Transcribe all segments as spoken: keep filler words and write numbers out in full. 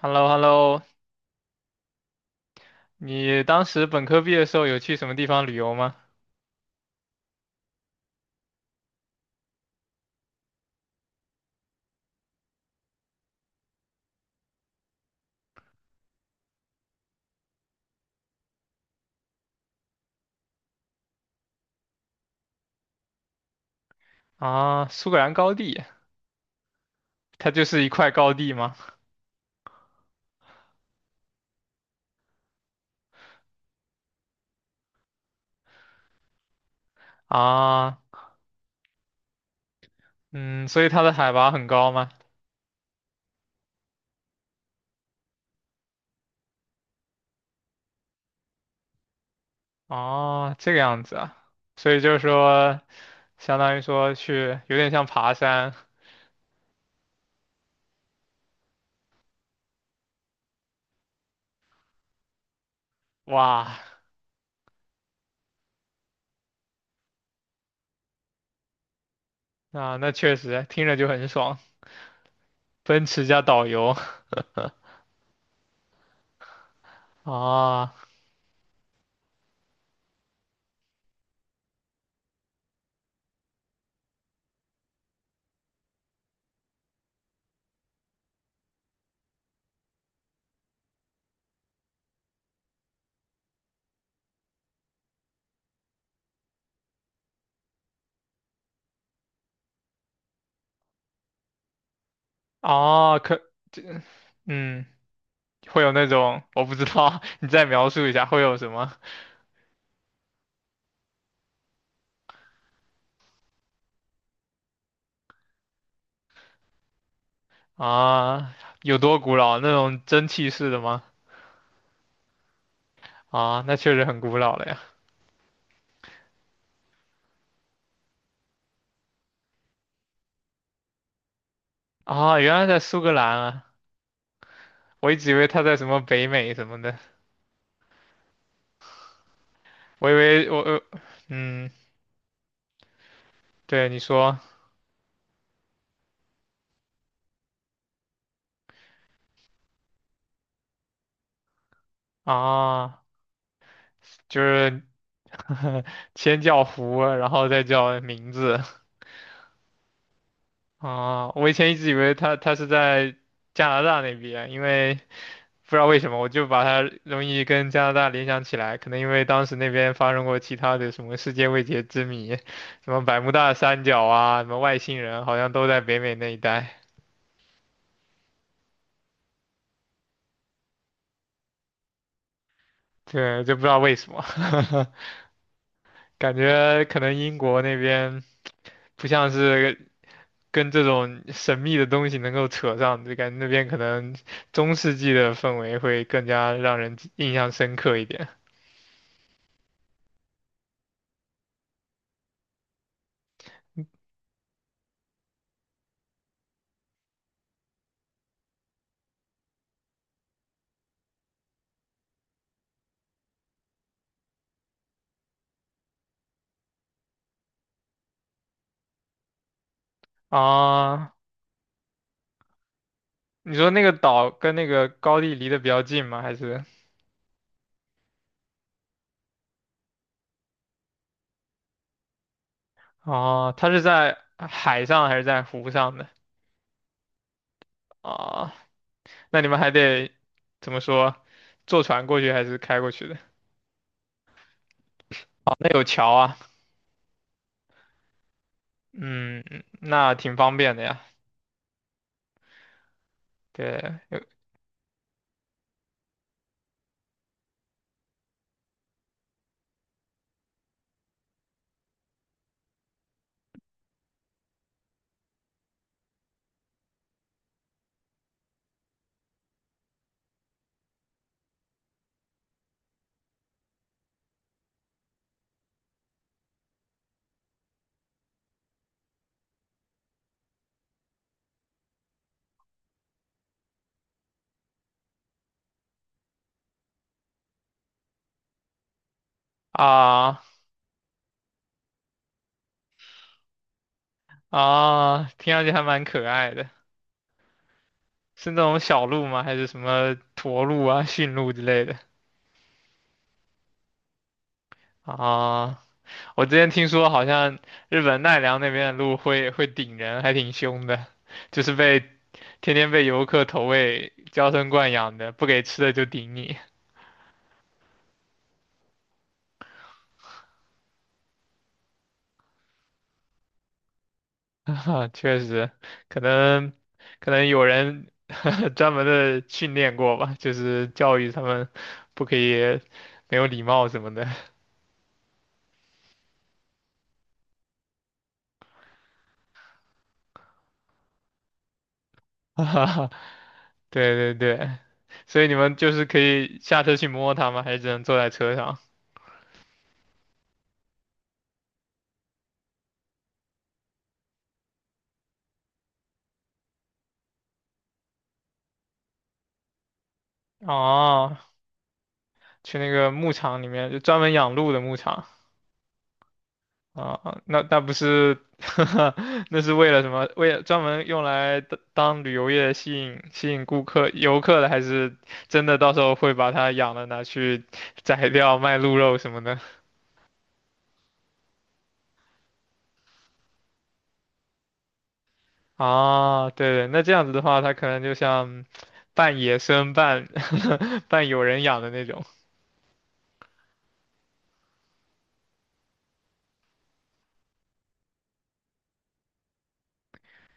h e l l o h e l l o 你当时本科毕业的时候有去什么地方旅游吗？啊，苏格兰高地，它就是一块高地吗？啊，嗯，所以它的海拔很高吗？哦，这个样子啊，所以就是说，相当于说去有点像爬山，哇，啊，那确实听着就很爽，奔驰加导游，啊，啊，可，这，嗯，会有那种我不知道，你再描述一下会有什么？啊，有多古老？那种蒸汽式的吗？啊，那确实很古老了呀。啊，原来在苏格兰啊，我一直以为它在什么北美什么的，我以为我呃，嗯，对你说啊，就是 先叫湖，然后再叫名字啊。我以前一直以为它它是在加拿大那边，因为不知道为什么，我就把它容易跟加拿大联想起来，可能因为当时那边发生过其他的什么世界未解之谜，什么百慕大三角啊，什么外星人，好像都在北美那一带。对，就不知道为什么，感觉可能英国那边不像是跟这种神秘的东西能够扯上，就感觉那边可能中世纪的氛围会更加让人印象深刻一点啊。你说那个岛跟那个高地离得比较近吗？还是？哦，它是在海上还是在湖上的？啊，那你们还得怎么说？坐船过去还是开过去的？哦，那有桥啊，嗯，那挺方便的呀。对，有啊啊，听上去还蛮可爱的。是那种小鹿吗？还是什么驼鹿啊、驯鹿之类的？啊我之前听说好像日本奈良那边的鹿会会顶人，还挺凶的，就是被天天被游客投喂，娇生惯养的，不给吃的就顶你。啊确实，可能可能有人 专门的训练过吧，就是教育他们不可以没有礼貌什么的。哈对对对，所以你们就是可以下车去摸它吗？还是只能坐在车上？哦，去那个牧场里面，就专门养鹿的牧场。啊，啊那那不是，那是为了什么？为了专门用来当当旅游业吸引吸引顾客游客的，还是真的到时候会把它养了拿去宰掉卖鹿肉什么的？啊，对对，那这样子的话，它可能就像半野生半 半有人养的那种。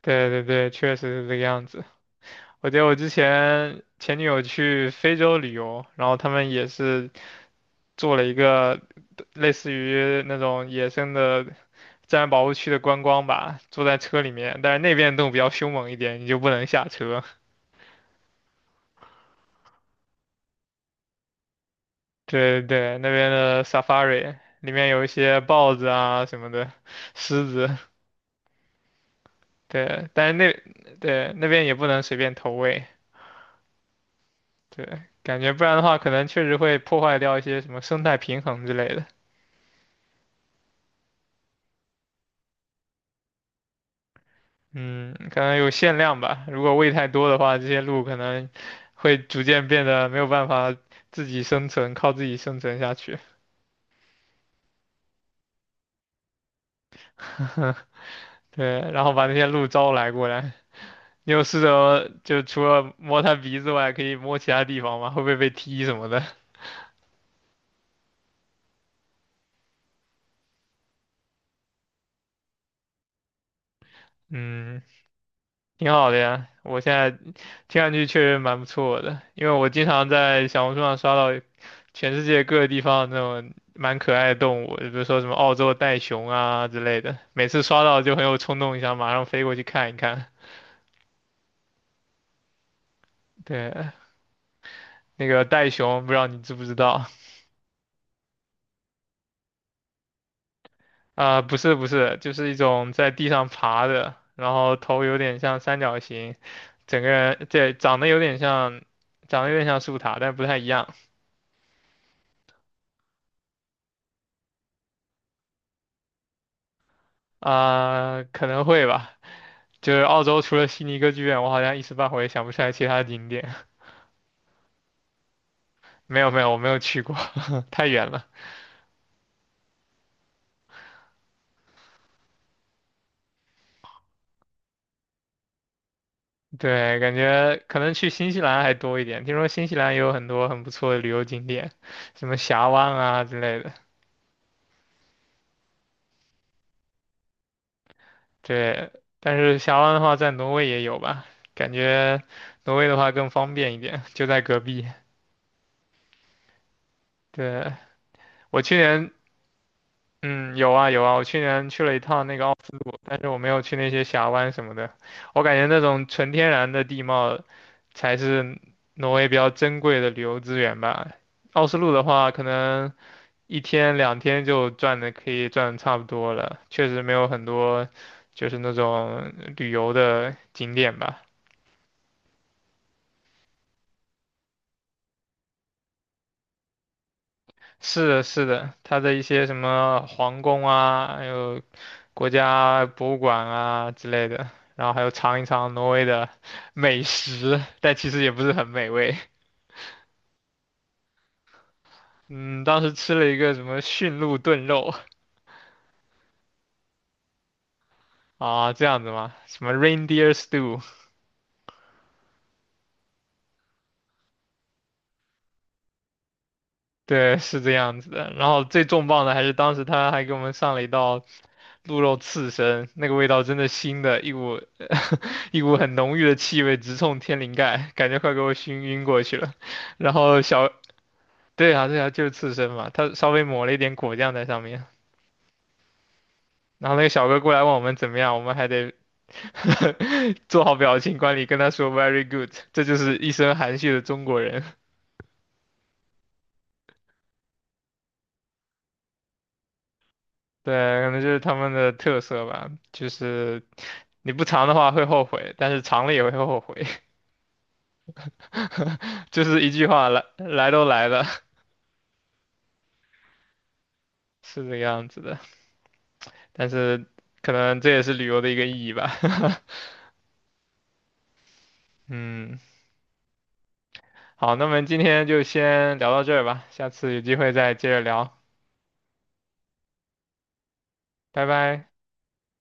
对对对，确实是这个样子。我记得我之前前女友去非洲旅游，然后他们也是做了一个类似于那种野生的自然保护区的观光吧，坐在车里面，但是那边的动物比较凶猛一点，你就不能下车。对对，那边的 safari 里面有一些豹子啊什么的，狮子，对，但是那对那边也不能随便投喂，对，感觉不然的话，可能确实会破坏掉一些什么生态平衡之类的。嗯，可能有限量吧，如果喂太多的话，这些鹿可能会逐渐变得没有办法自己生存，靠自己生存下去。对，然后把那些鹿招来过来。你有试着就除了摸它鼻子外，可以摸其他地方吗？会不会被踢什么的？嗯，挺好的呀。我现在听上去确实蛮不错的，因为我经常在小红书上刷到全世界各个地方那种蛮可爱的动物，比如说什么澳洲袋熊啊之类的。每次刷到就很有冲动，想马上飞过去看一看。对，那个袋熊，不知道你知不知道？啊、不是不是，就是一种在地上爬的，然后头有点像三角形，整个人对长得有点像，长得有点像树塔，但不太一样啊、可能会吧。就是澳洲除了悉尼歌剧院，我好像一时半会也想不出来其他景点。没有没有，我没有去过，太远了。对，感觉可能去新西兰还多一点。听说新西兰也有很多很不错的旅游景点，什么峡湾啊之类的。对，但是峡湾的话，在挪威也有吧？感觉挪威的话更方便一点，就在隔壁。对，我去年，嗯，有啊有啊，我去年去了一趟那个奥斯陆，但是我没有去那些峡湾什么的。我感觉那种纯天然的地貌才是挪威比较珍贵的旅游资源吧。奥斯陆的话，可能一天两天就转的可以转的差不多了，确实没有很多就是那种旅游的景点吧。是的，是的，它的一些什么皇宫啊，还有国家博物馆啊之类的，然后还有尝一尝挪威的 美食，但其实也不是很美味。嗯，当时吃了一个什么驯鹿炖肉啊，这样子吗？什么 reindeer stew，对，是这样子的。然后最重磅的还是当时他还给我们上了一道鹿肉刺身，那个味道真的腥的，一股一股很浓郁的气味直冲天灵盖，感觉快给我熏晕过去了。然后小对啊，对啊，就是刺身嘛，他稍微抹了一点果酱在上面。然后那个小哥过来问我们怎么样，我们还得 做好表情管理，跟他说 very good。这就是一身含蓄的中国人，对，可能就是他们的特色吧。就是你不尝的话会后悔，但是尝了也会后悔。就是一句话，来来都来了，是这个样子的。但是可能这也是旅游的一个意义吧。嗯，好，那么今天就先聊到这儿吧，下次有机会再接着聊，拜拜。